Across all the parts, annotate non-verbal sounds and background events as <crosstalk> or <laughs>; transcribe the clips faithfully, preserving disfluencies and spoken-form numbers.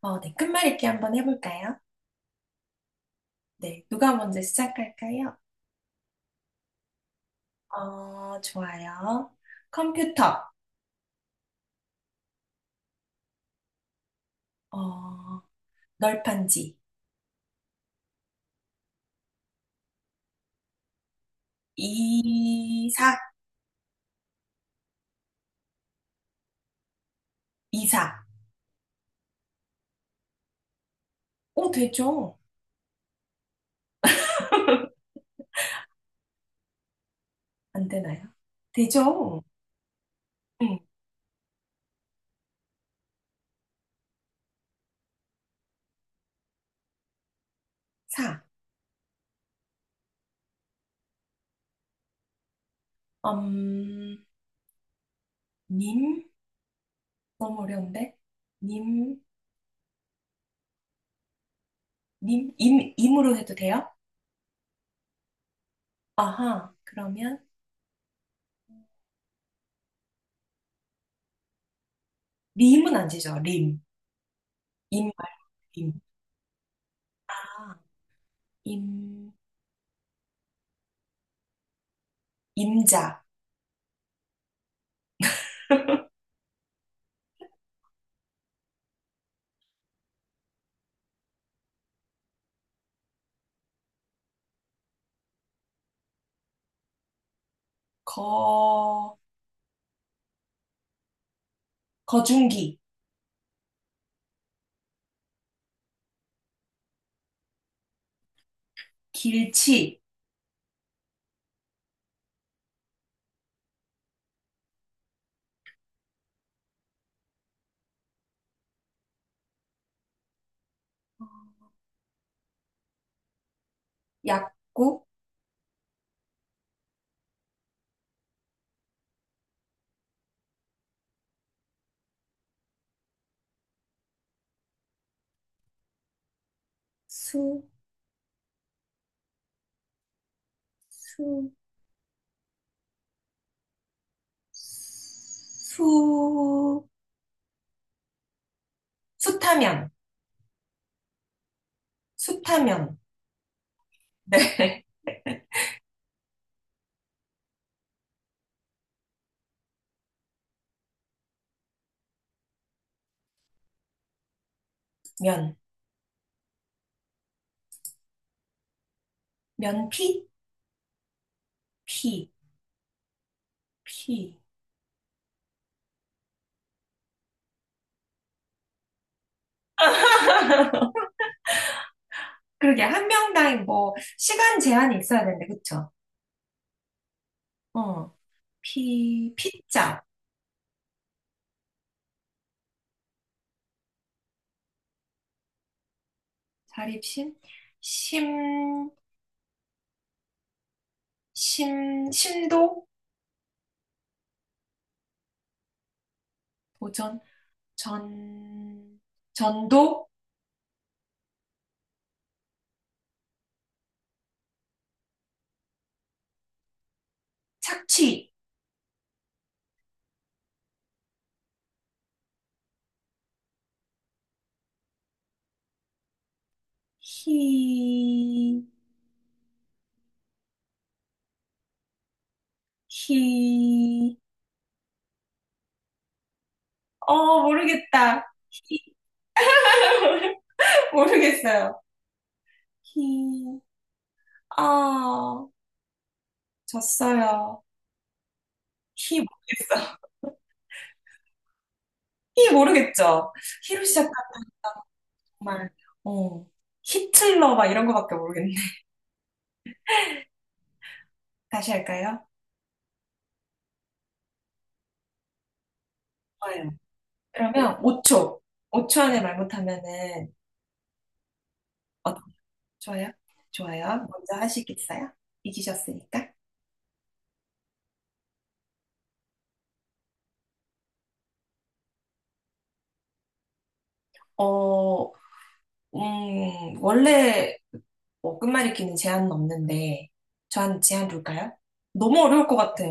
어, 네. 끝말잇기 한번 해볼까요? 네. 누가 먼저 시작할까요? 어, 좋아요. 컴퓨터. 어, 널판지. 이사. 이사. 오, 되죠? <laughs> 안 되나요? 되죠? 응. 사. 음, 님? 너무 어려운데? 님, 님, 임, 임으로 해도 돼요? 아하. 그러면, 림은 안 되죠. 림. 임, 말, 임. 아, 임, 임자. <laughs> 거, 거중기, 길치, 약구, 수, 수, 수, 수타면, 수타면, 네, <laughs> 면, 면피, 피, 피. <laughs> 그러게, 한 명당 뭐, 시간 제한이 있어야 되는데, 그쵸? 어, 피, 피자, 자립심, 심, 심, 심도, 도전, 전, 전도, 착취. 히, 히, 어, 모르겠다. 히, <laughs> 모르겠어요. 히, 아, 졌어요. 히 모르겠어. 히 모르겠죠? 히로 시작한 정말, 어, 히틀러 막 이런 거밖에 모르겠네. 다시 할까요? 좋아요. 그러면 오 초. 오 초 안에 말 못하면은, 어, 좋아요? 좋아요. 먼저 하시겠어요? 이기셨으니까. 어, 음, 원래 뭐 끝말잇기는 제한은 없는데 저한테 제한 둘까요? 너무 어려울 것 같아.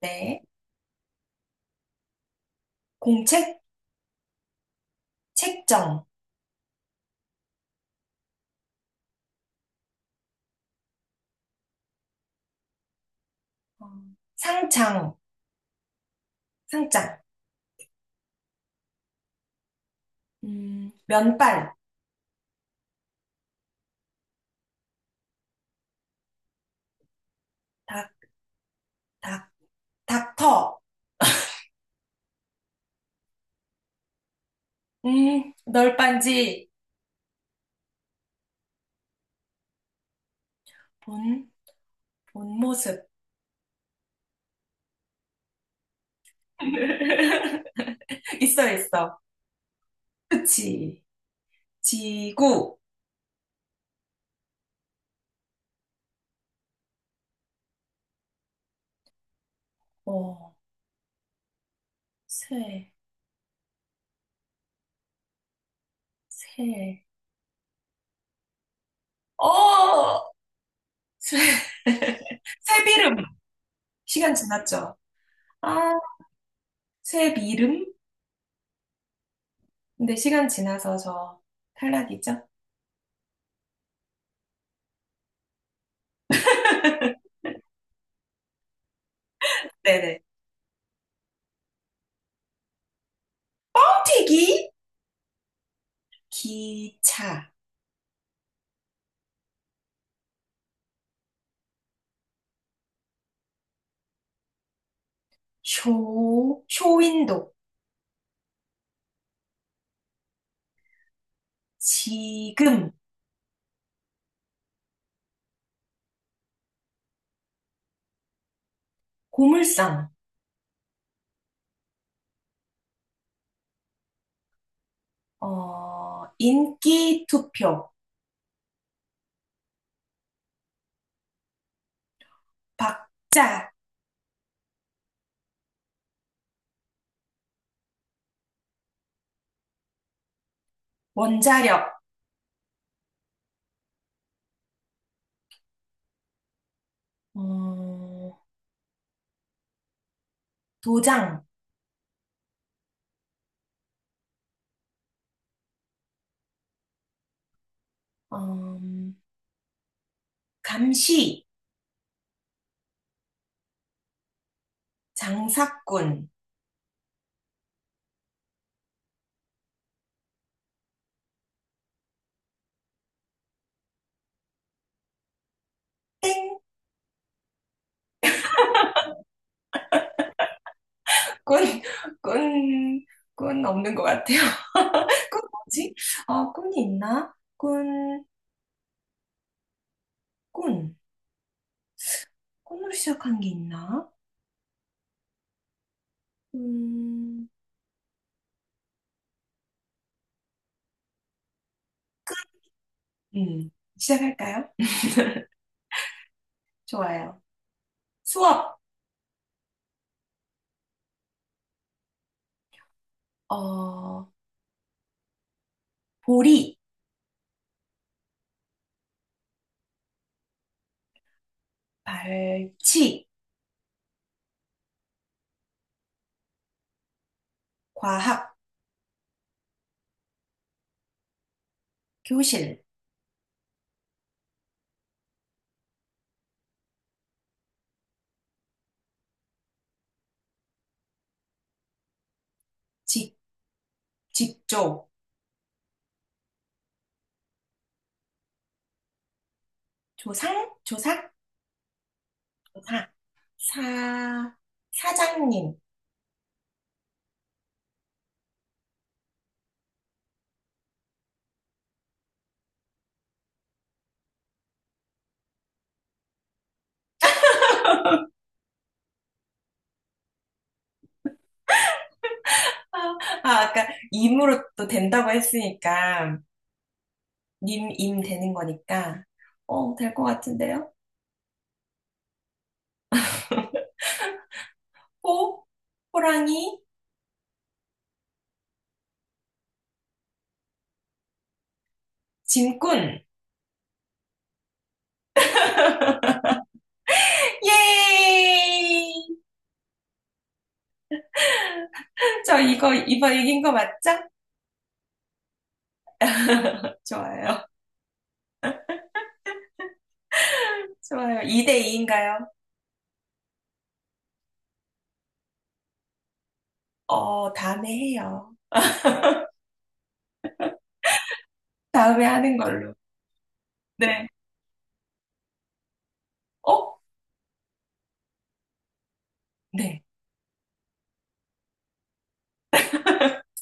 네. 공책, 책정, 어, 상장, 상장, 음, 면발, 닥, 닥, 닥터, 음, 널빤지, 본, 본 모습. <laughs> 있어, 있어. 그치. 지구, 어, 새, 새, 어, 새, <laughs> 새비름. 시간 지났죠? 아. 새 이름? 근데 시간 지나서 저 탈락이죠? 네네. 튀기, 기차, 쇼, 쇼윈도, 지금, 고물상, 어, 인기 투표, 박자, 원자력, 어, 도장, 어, 감시, 장사꾼, 땡, 꾼, <laughs> 꾼, 꾼 없는 것 같아요. <laughs> 꾼 뭐지? 어, 꾼이 있나? 꾼, 꾼. 콩으로 시작한 게 있나? 음, 음, 시작할까요? 좋아요. 수업, 어, 보리, 발치, 과학, 교실, 직, 직조, 조상, 조상 조사, 사, 사장님. 아, 아, 아까 임으로 또 된다고 했으니까, 님, 임 되는 거니까, 어, 될 것 같은데요? 호, 호랑이, 짐꾼. <laughs> 예! 저 이거 이번 이긴 거 맞죠? <laughs> 좋아요. 좋아요. 이 대 이인가요? 어, 다음에 해요. 다음에 하는 걸로. 네. 어? 네.